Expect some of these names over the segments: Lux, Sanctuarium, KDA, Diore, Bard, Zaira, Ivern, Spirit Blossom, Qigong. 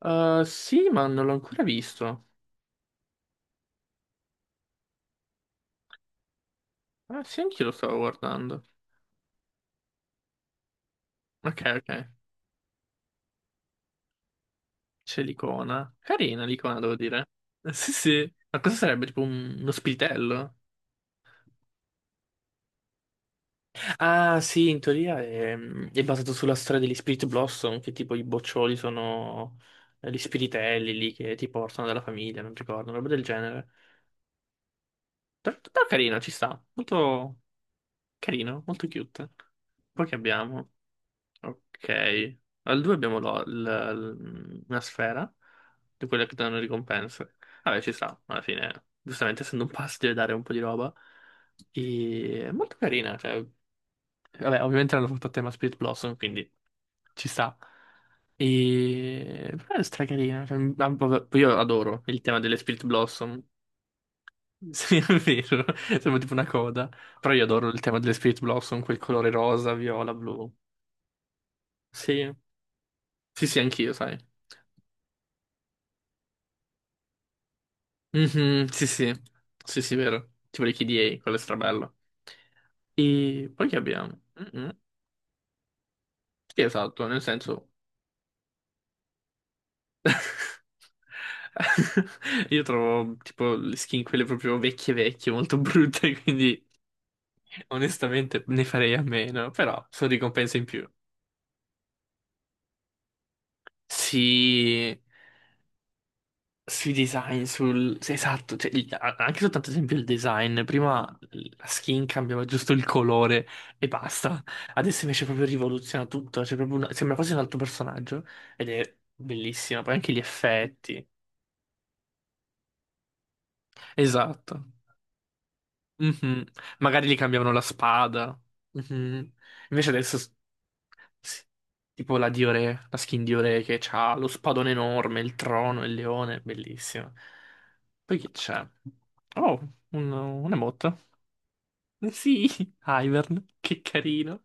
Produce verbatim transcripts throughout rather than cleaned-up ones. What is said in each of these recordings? Uh, sì, ma non l'ho ancora visto. Ah, sì, anch'io lo stavo guardando. Ok, ok. C'è l'icona. Carina l'icona, devo dire. Eh, sì, sì. Ma cosa sarebbe? Tipo un- uno spiritello? Ah, sì, in teoria è, è basato sulla storia degli Spirit Blossom, che tipo i boccioli sono eh, gli spiritelli lì che ti portano dalla famiglia, non ricordo, roba del genere. Però, però carino, ci sta. Molto carino, molto cute. Poi che abbiamo? Ok. Al due abbiamo lo- l- l- una sfera di quelle che danno ricompense. Vabbè, ci sta, alla fine. Giustamente, essendo un pass, deve dare un po' di roba. E è molto carina. Cioè. Vabbè, ovviamente l'hanno fatto a tema Spirit Blossom, quindi ci sta. E. Però è stracarina. Cioè, ah, vabbè, poi io adoro il tema delle Spirit Blossom. Sì, è vero. Sembra tipo una coda. Però io adoro il tema delle Spirit Blossom, quel colore rosa, viola, blu. Sì, sì, sì, anch'io, sai. Mhm, sì, sì, sì, sì, vero. Tipo le K D A, quello è strabello. E poi che abbiamo? Mhm. Sì, esatto, nel senso. Io trovo tipo le skin quelle proprio vecchie vecchie, molto brutte, quindi onestamente ne farei a meno, però sono ricompense in più. Sì, sui design, sul. Sì, esatto, cioè, il- a- anche soltanto ad esempio il design, prima la skin cambiava giusto il colore e basta, adesso invece proprio rivoluziona tutto, cioè, proprio una- sembra quasi un altro personaggio ed è bellissimo, poi anche gli effetti. Esatto. Mhm. Magari gli cambiavano la spada. Mhm. Invece adesso, s- sì. Tipo la Diore, la skin Diore che ha lo spadone enorme, il trono, il leone, bellissimo. Poi che c'è? Oh, un, un emote. Eh, sì, Ivern, che carino.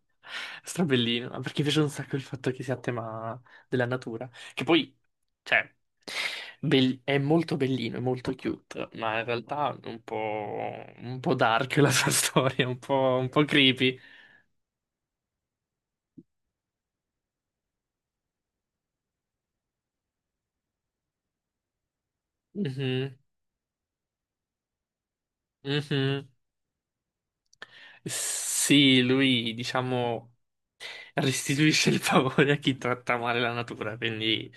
Strabellino, ma perché mi piace un sacco il fatto che sia a tema della natura. Che poi, cioè, Bell- è molto bellino, è molto cute, ma in realtà è un, po', un po' dark la sua storia, un po', un po' creepy. Mhm, mhm. Sì, lui, diciamo, restituisce il favore a chi tratta male la natura, quindi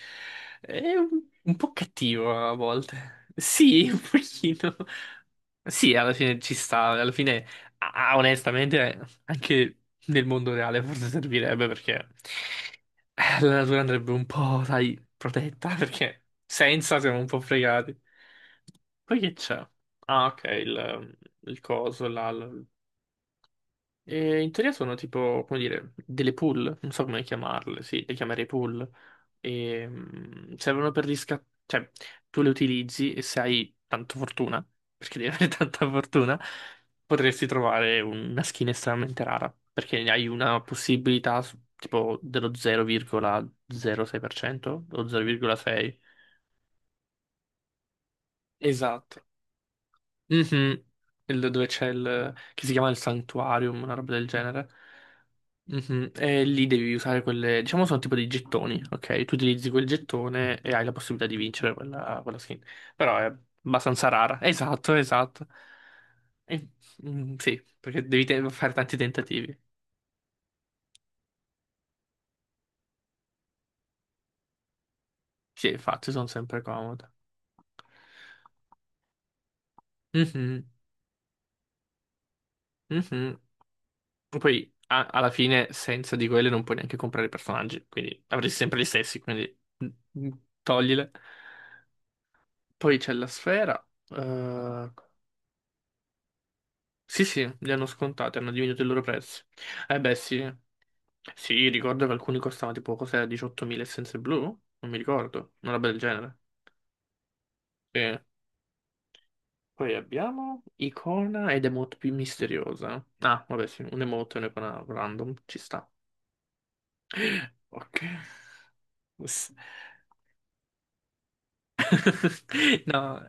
è un, un po' cattivo a volte. Sì, un pochino. Sì, alla fine ci sta, alla fine, ah, onestamente, anche nel mondo reale forse servirebbe perché eh, la natura andrebbe un po', sai, protetta, perché senza siamo un po' fregati. Poi che c'è? Ah, ok, il, il coso là. E in teoria sono tipo, come dire, delle pool, non so come chiamarle, sì, le chiamerei pool, e, mm, servono per gli sca- cioè tu le utilizzi e se hai tanta fortuna, perché devi avere tanta fortuna, potresti trovare una skin estremamente rara, perché hai una possibilità su- tipo dello zero virgola zero sei per cento o zero virgola sei per cento. Esatto. Mhm. Il- Dove c'è il, che si chiama il Sanctuarium, una roba del genere. Mhm, e lì devi usare quelle, diciamo sono tipo dei gettoni, ok? Tu utilizzi quel gettone e hai la possibilità di vincere quella, quella skin. Però è abbastanza rara. Esatto, esatto. E- mm, sì, perché devi te- fare tanti tentativi. Sì, infatti sono sempre comode. Mhm, mhm. Poi a- alla fine senza di quelle non puoi neanche comprare i personaggi, quindi avresti sempre gli stessi, quindi mm, mm, toglile. Poi c'è la sfera. Eh, sì, sì, le hanno scontate, hanno diminuito il loro prezzo. Eh beh, sì. Sì, ricordo che alcuni costavano tipo cos'era diciottomila essenze blu? Non mi ricordo, una roba del genere. Sì. Poi abbiamo icona ed emote più misteriosa. Ah, vabbè, sì, un emote e un'icona random, ci sta. Ok. S- No,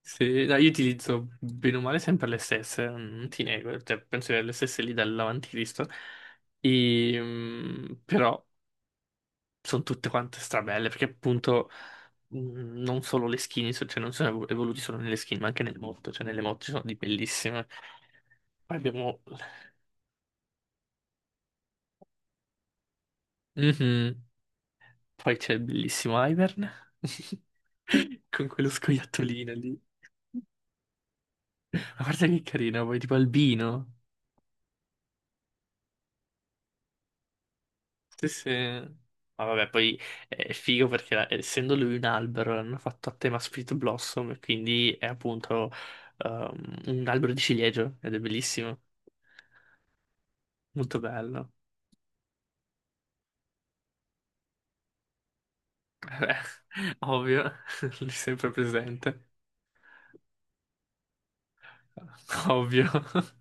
sì, no, io utilizzo bene o male sempre le stesse, non ti nego, cioè, penso che le stesse lì dall'avanti Cristo. E, mm, però sono tutte quante strabelle, perché appunto mh, non solo le skin, so- cioè non sono evol- evoluti solo nelle skin, ma anche nelle mod, cioè nelle mod ci sono di bellissime. Poi abbiamo. Mhm. Poi c'è il bellissimo Ivern, con quello scoiattolino lì. Ma guarda che carino, poi tipo albino. Sì, sì. Ma vabbè, poi è figo perché eh, essendo lui un albero l'hanno fatto a tema Split Blossom, e quindi è appunto ehm, un albero di ciliegio ed è bellissimo. Molto bello. Beh, ovvio, lì sempre presente. Ovvio.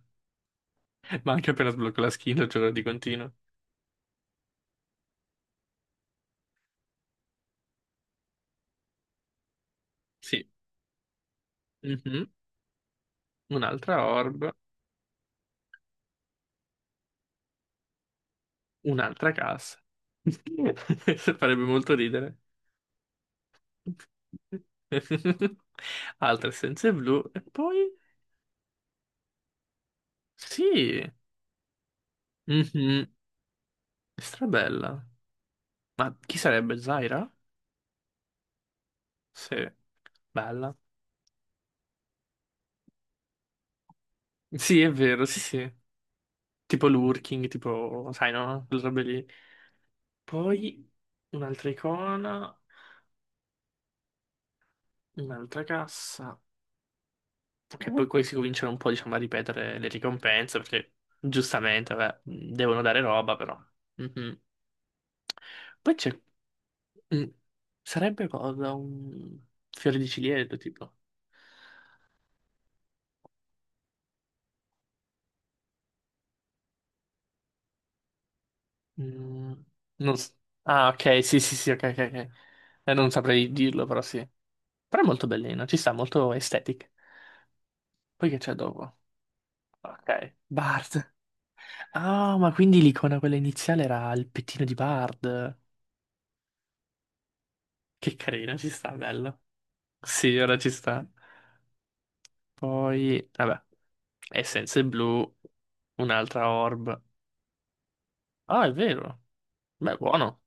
Ma anche appena sblocco la skill, gioco di continuo. Sì. Mhm. Un'altra orb, un'altra cassa. Farebbe molto ridere. Altre essenze blu. E poi. Sì. Mhm. Strabella. Ma chi sarebbe? Zaira? Sì. Bella. Sì, è vero, sì, sì. Tipo lurking, tipo, sai, no? Quelle robe lì. Poi un'altra icona, un'altra cassa. E poi qui si cominciano un po', diciamo, a ripetere le ricompense, perché giustamente, vabbè, devono dare roba, però. Mhm. Poi c'è. mm, Sarebbe cosa? Un fiore di ciliegio, tipo. Mm, non s- Ah, ok, sì, sì, sì, ok, ok, ok. Eh, non saprei dirlo, però sì. Però è molto bellino, ci sta, molto aesthetic. Poi che c'è dopo? Ok, Bard. Ah, ma quindi l'icona quella iniziale era il pettino di Bard. Che carina, ci sta, bello. Sì, ora ci sta. Poi, vabbè, essenze blu, un'altra orb. Ah, è vero. Beh, buono.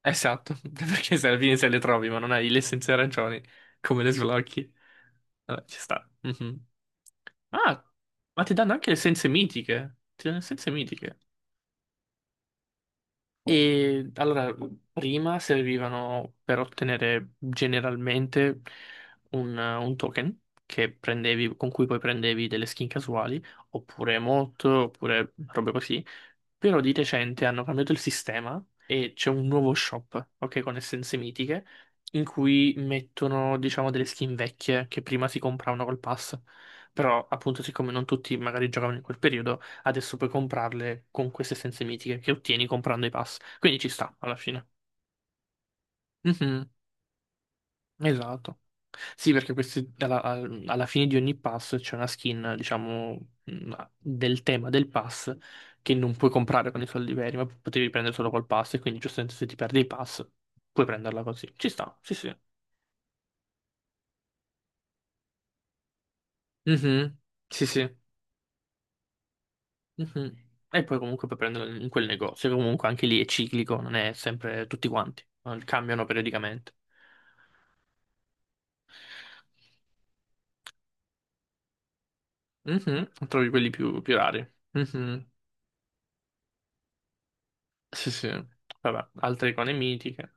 Esatto, perché se alla fine se le trovi, ma non hai le essenze arancioni, come le sblocchi? Vabbè, ci sta. Mhm. Ah, ma ti danno anche le essenze mitiche. Ti danno essenze mitiche. E allora, prima servivano per ottenere generalmente un, un token che prendevi, con cui poi prendevi delle skin casuali, oppure emote, oppure robe così. Però di recente hanno cambiato il sistema e c'è un nuovo shop, ok, con essenze mitiche, in cui mettono, diciamo, delle skin vecchie che prima si compravano col pass. Però, appunto, siccome non tutti magari giocavano in quel periodo, adesso puoi comprarle con queste essenze mitiche che ottieni comprando i pass. Quindi ci sta, alla fine. Mhm. Esatto. Sì, perché questi, alla, al- alla fine di ogni pass c'è una skin, diciamo, mh, del tema del pass che non puoi comprare con i soldi veri, ma potevi prendere solo col pass e quindi giustamente se ti perdi il pass puoi prenderla così. Ci sta, sì, sì. Mhm, sì, sì. Mhm. E poi comunque puoi prenderla in quel negozio, che comunque anche lì è ciclico, non è sempre tutti quanti, eh, cambiano periodicamente. Mhm, trovi quelli più, più rari. Mhm, sì, sì. Vabbè, altre icone mitiche.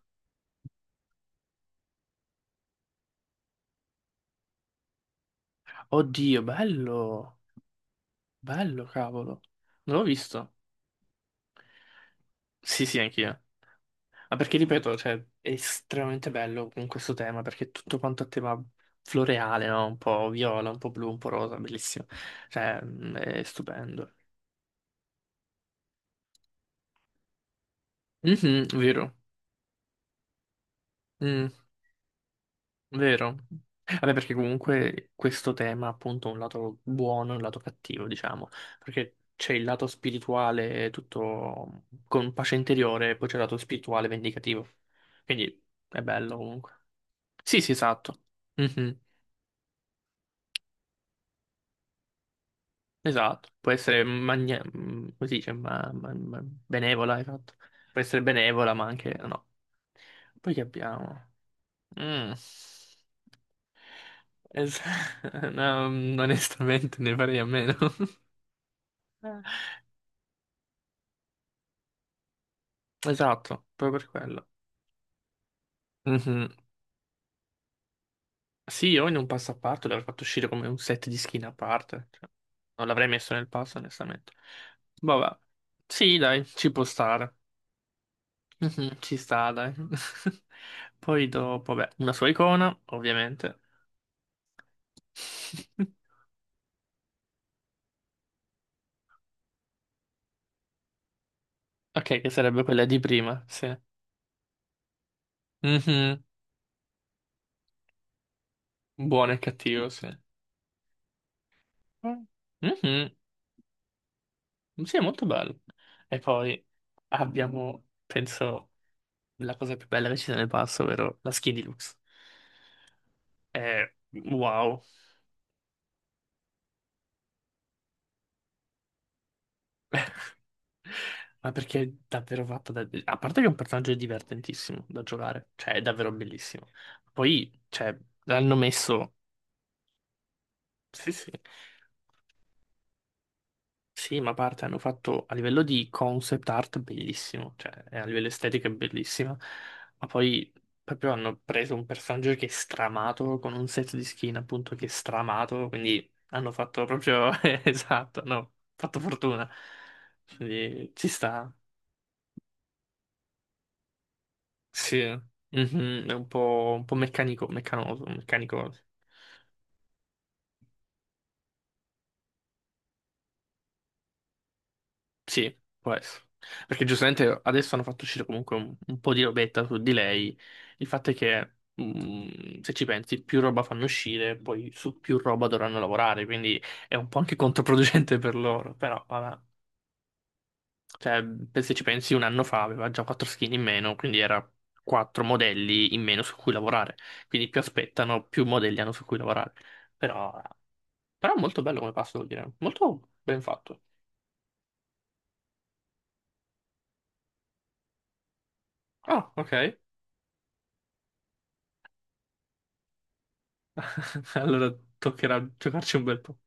Oddio, bello, bello, cavolo. Non l'ho visto. Sì, sì, anch'io. Ma perché, ripeto, cioè, è estremamente bello con questo tema, perché è tutto quanto a tema floreale, no? Un po' viola, un po' blu, un po' rosa, bellissimo. Cioè, mm, è stupendo. Mhm, vero. Mm. Vero? Vabbè, perché comunque questo tema ha appunto un lato buono e un lato cattivo, diciamo, perché c'è il lato spirituale tutto con pace interiore e poi c'è il lato spirituale vendicativo. Quindi è bello comunque. Sì, sì, esatto. Mhm, esatto. Può essere magne- mm, come si dice, ma- ma- ma- benevola, esatto. Può essere benevola, ma anche no. Poi che abbiamo? Mm. Es- no, mm, onestamente ne farei a meno. Esatto, proprio per quello. Mhm. Sì, io in un passo a parte l'avrei fatto uscire come un set di skin a parte. Cioè, non l'avrei messo nel passo, onestamente. Vabbè. Sì, dai, ci può stare. Mhm, ci sta, dai. Poi dopo, beh, una sua icona, ovviamente. Ok, che sarebbe quella di prima, sì. Mhm. Buono e cattivo, sì. Mhm. Sì, è molto bello. E poi abbiamo, penso, la cosa più bella che ci sia nel passo, ovvero la skin di Lux. È wow. Ma perché è davvero fatta da. A parte che è un personaggio divertentissimo da giocare, cioè è davvero bellissimo. Poi, cioè, l'hanno messo. Sì, sì. Sì, ma a parte hanno fatto a livello di concept art bellissimo, cioè e a livello estetico è bellissima, ma poi proprio hanno preso un personaggio che è stramato con un set di skin appunto che è stramato, quindi hanno fatto proprio esatto, no, fatto fortuna. Quindi ci sta. Sì. Mhm, è un po', un po' meccanico, meccanoso, meccanico. Sì, può essere. Perché giustamente adesso hanno fatto uscire comunque un, un po' di robetta su di lei. Il fatto è che, mh, se ci pensi, più roba fanno uscire, poi su più roba dovranno lavorare, quindi è un po' anche controproducente per loro. Però, vabbè. Cioè, per- se ci pensi, un anno fa aveva già quattro skin in meno, quindi era quattro modelli in meno su cui lavorare. Quindi più aspettano, più modelli hanno su cui lavorare. Però, però è molto bello come passo, devo dire. Molto ben fatto. Ah, ok. Allora toccherà giocarci un bel po'.